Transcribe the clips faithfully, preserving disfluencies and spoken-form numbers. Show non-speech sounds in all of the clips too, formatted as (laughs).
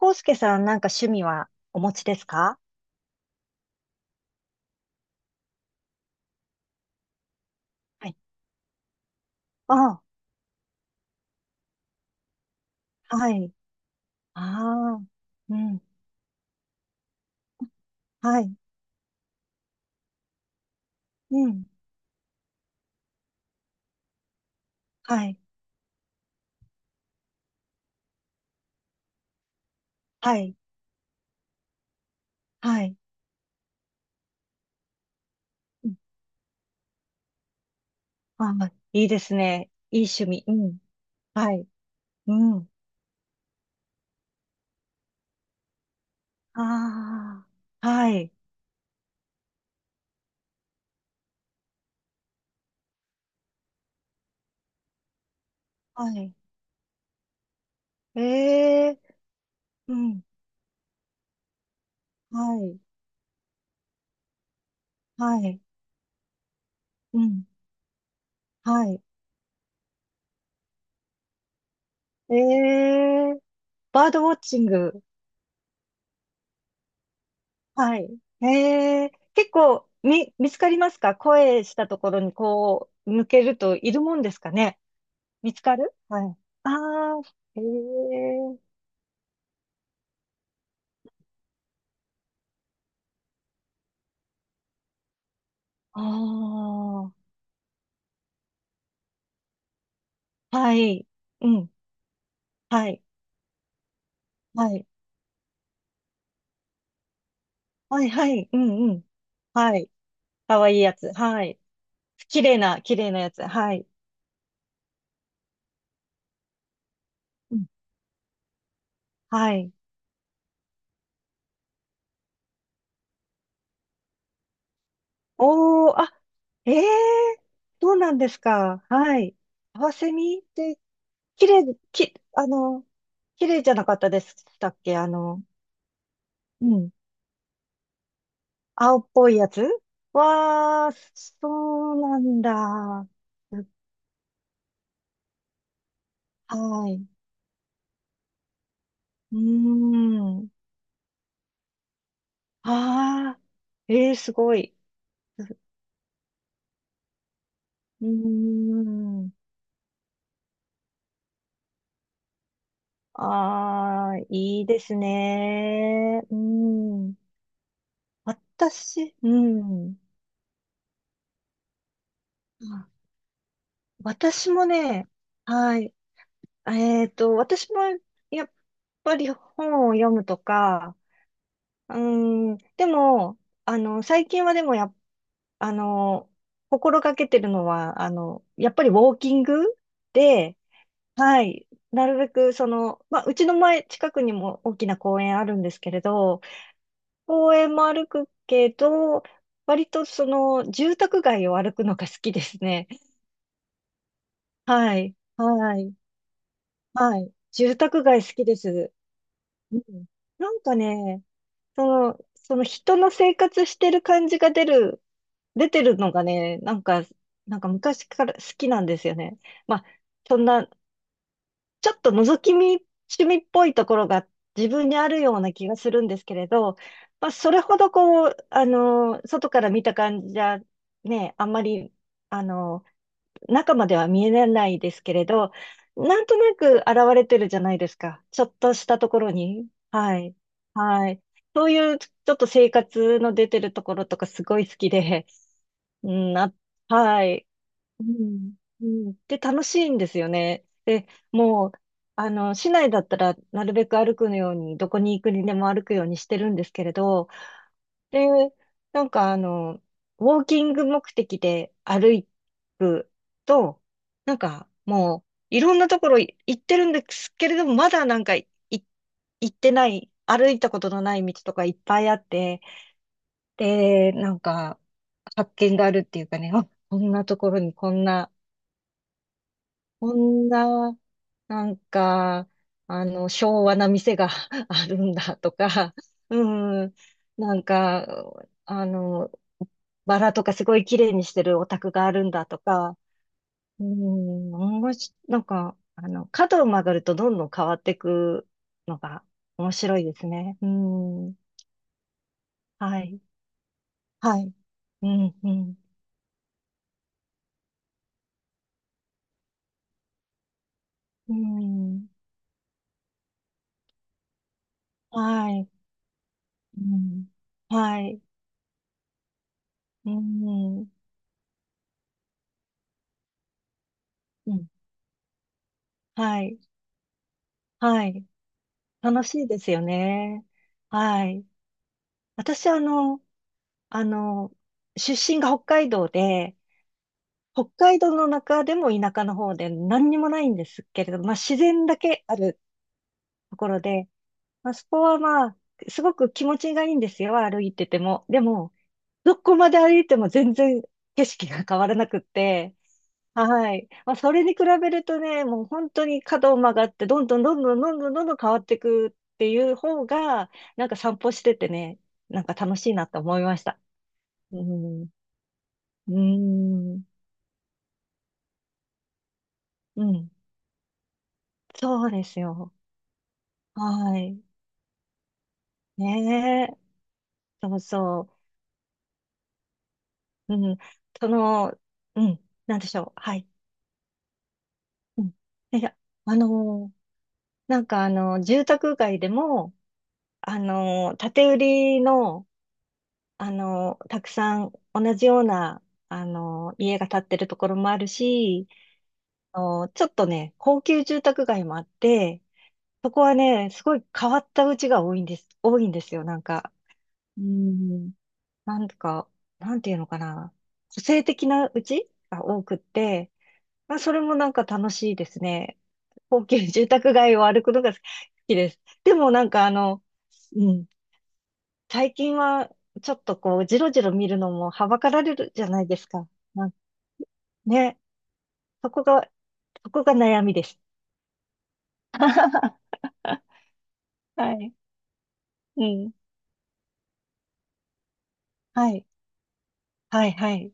康介さん、なんか趣味はお持ちですか？はい。ああ、はい。ああ、うん。はい。うん。はい。はい。はい。うん。ああ、いいですね。いい趣味。うん。はい。うん。ああ、はい。はい。ええ、うん。はい。はい。うん。はい。ええ、バードウォッチング。はい。へえ、結構み、見つかりますか？声したところにこう、向けるといるもんですかね？見つかる、はい。ああ、へえ、ああ、はい、うん、はい、はい、はい、はい、うん、うん、はい。かわいいやつ、はい。綺麗な、綺麗なやつ、はい、うん、はい。おー、あ、ええ、そうなんですか、はい。カワセミって綺麗き、あの、綺麗じゃなかったでしたっけ？あの、うん。青っぽいやつ、わー、そうなんだ。はい。うーん。ああ、えー、すごい。うーん。ああ、いいですね。うん。私、うん。あ、私もね、はい。えっと、私もやっぱり本を読むとか、うーん、でも、あの、最近はでもやっ、あの、心がけてるのは、あの、やっぱりウォーキングで、はい、なるべくその、まあ、うちの前、近くにも大きな公園あるんですけれど、公園も歩くけど、割とその、住宅街を歩くのが好きですね。はい、はい、はい。住宅街好きです。うん。なんかね、その、その人の生活してる感じが出る、出てるのがね、なんか、なんか昔から好きなんですよね。まあ、そんな、ちょっと覗き見、趣味っぽいところが自分にあるような気がするんですけれど、まあ、それほどこう、あの、外から見た感じじゃ、ね、あんまり、あの、中までは見えないですけれど、なんとなく現れてるじゃないですか。ちょっとしたところに。はい。はい。そういうちょっと生活の出てるところとかすごい好きで、うん、あ、はい。うん、うん。で、楽しいんですよね。で、もう、あの、市内だったらなるべく歩くように、どこに行くにでも歩くようにしてるんですけれど、で、なんかあの、ウォーキング目的で歩くと、なんかもういろんなところい行ってるんですけれども、まだなんかい行ってない、歩いたことのない道とかいっぱいあって、で、なんか発見があるっていうかね、(laughs) あ、こんなところにこんなこんな、なんか、あの、昭和な店が (laughs) あるんだとか、(laughs) うん、なんか、あの、バラとかすごい綺麗にしてるお宅があるんだとか、うん、面白い、なんか、あの、角を曲がるとどんどん変わっていくのが面白いですね。うん、はい、はい、うん、うん、うん、はい、うん、はい、うん、うん、はい。はい。楽しいですよね。はい。私、あの、あの、出身が北海道で、北海道の中でも田舎の方で何にもないんですけれど、まあ自然だけあるところで、まあそこはまあ、すごく気持ちがいいんですよ、歩いてても。でも、どこまで歩いても全然景色が変わらなくって、はい。まあ、それに比べるとね、もう本当に角を曲がって、どんどんどんどんどんどんどんどん変わっていくっていう方が、なんか散歩しててね、なんか楽しいなと思いました。うん。うん。うん。そうですよ。はい。ねえ。そうそう。うん。その、うん。なんでしょう。はい。うん。いや、あのーなんかあの、住宅街でも、あのー建て売りの、あの、たくさん同じような、あの、家が建ってるところもあるし、あの、ちょっとね、高級住宅街もあって、そこはね、すごい変わった家が多いんです、多いんですよ、なんか。うん。なんか、なんていうのかな。個性的な家が多くって、まあ、それもなんか楽しいですね。高級住宅街を歩くのが好きです。でもなんかあの、うん。最近は、ちょっとこう、じろじろ見るのもはばかられるじゃないですか。なんね、そこが、そこが悩みです。(laughs) はい。うん。はい。はい。はい。ん。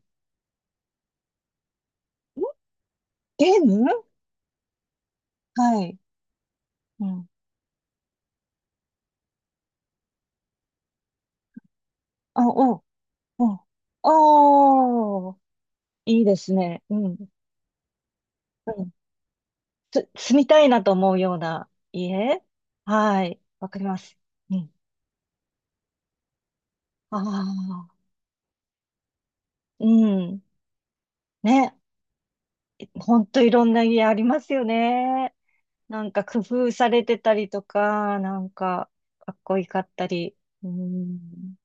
ゲーム。はい。うん。あ、お、お、おー、いいですね。うん。うん。す、住みたいなと思うような家。はい。わかります。うん。ああ、うん。ね。ほんといろんな家ありますよね。なんか工夫されてたりとか、なんかかっこいいかったり。うん。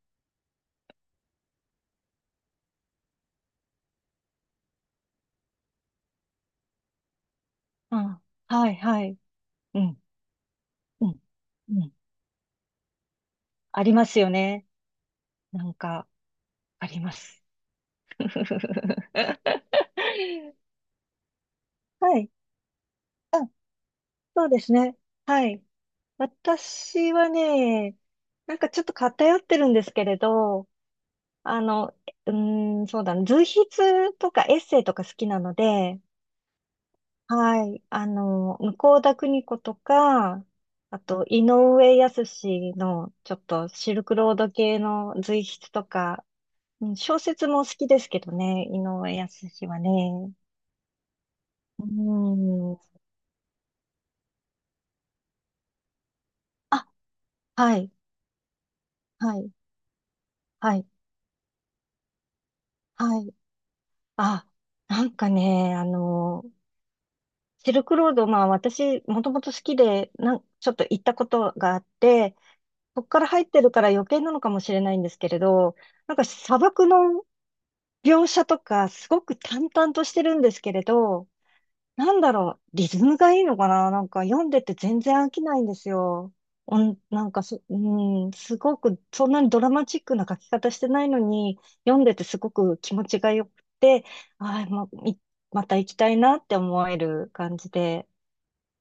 あ、はいはい。うん、うん、うん。ありますよね。なんか、あります。(laughs) はい。あ、そうですね。はい。私はね、なんかちょっと偏ってるんですけれど、あの、うーん、そうだな、随筆とかエッセイとか好きなので、はい。あの、向田邦子とか、あと、井上靖の、ちょっとシルクロード系の随筆とか、うん、小説も好きですけどね、井上靖はね。うん。あ、はい、はい、はい、はい。あ、なんかね、あの、シルクロード、まあ私、もともと好きで、なん、ちょっと行ったことがあって、そこから入ってるから余計なのかもしれないんですけれど、なんか砂漠の描写とかすごく淡々としてるんですけれど、なんだろう、リズムがいいのかな。なんか読んでて全然飽きないんですよ。おん、なんかそ、うん、すごく、そんなにドラマチックな書き方してないのに、読んでてすごく気持ちが良くて、ああ、ま、いまた行きたいなって思える感じで、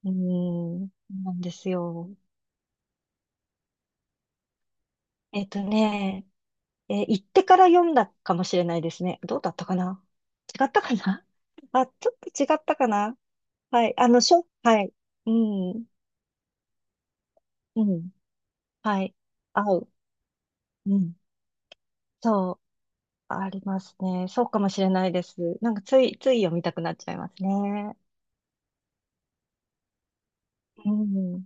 うん、なんですよ。えっとね、えー行ってから読んだかもしれないですね。どうだったかな。違ったかな。 (laughs) あ、ちょっと違ったかな。はい。あの、しょ、はい。うん。うん。はい。合う。うん。そう。ありますね。そうかもしれないです。なんか、つい、つい読みたくなっちゃいますね。うん。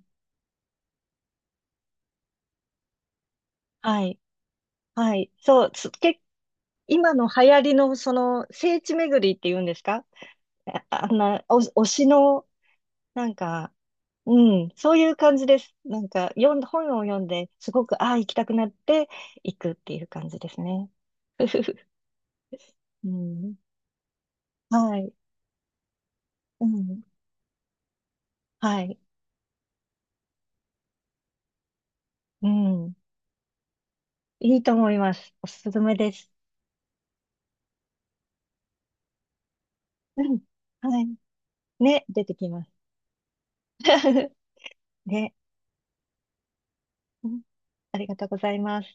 はい。はい。そう。つ、け、今の流行りの、その、聖地巡りって言うんですか？あ (laughs) あんな、お、推しの、なんか、うん。そういう感じです。なんか、読ん、本を読んで、すごく、ああ、行きたくなって、行くっていう感じですね。(laughs) うん。はい。うん。はい。うん。いいと思います。おすすめです。うん。はい。ね、出てきます。(laughs) ね。うん。ありがとうございます。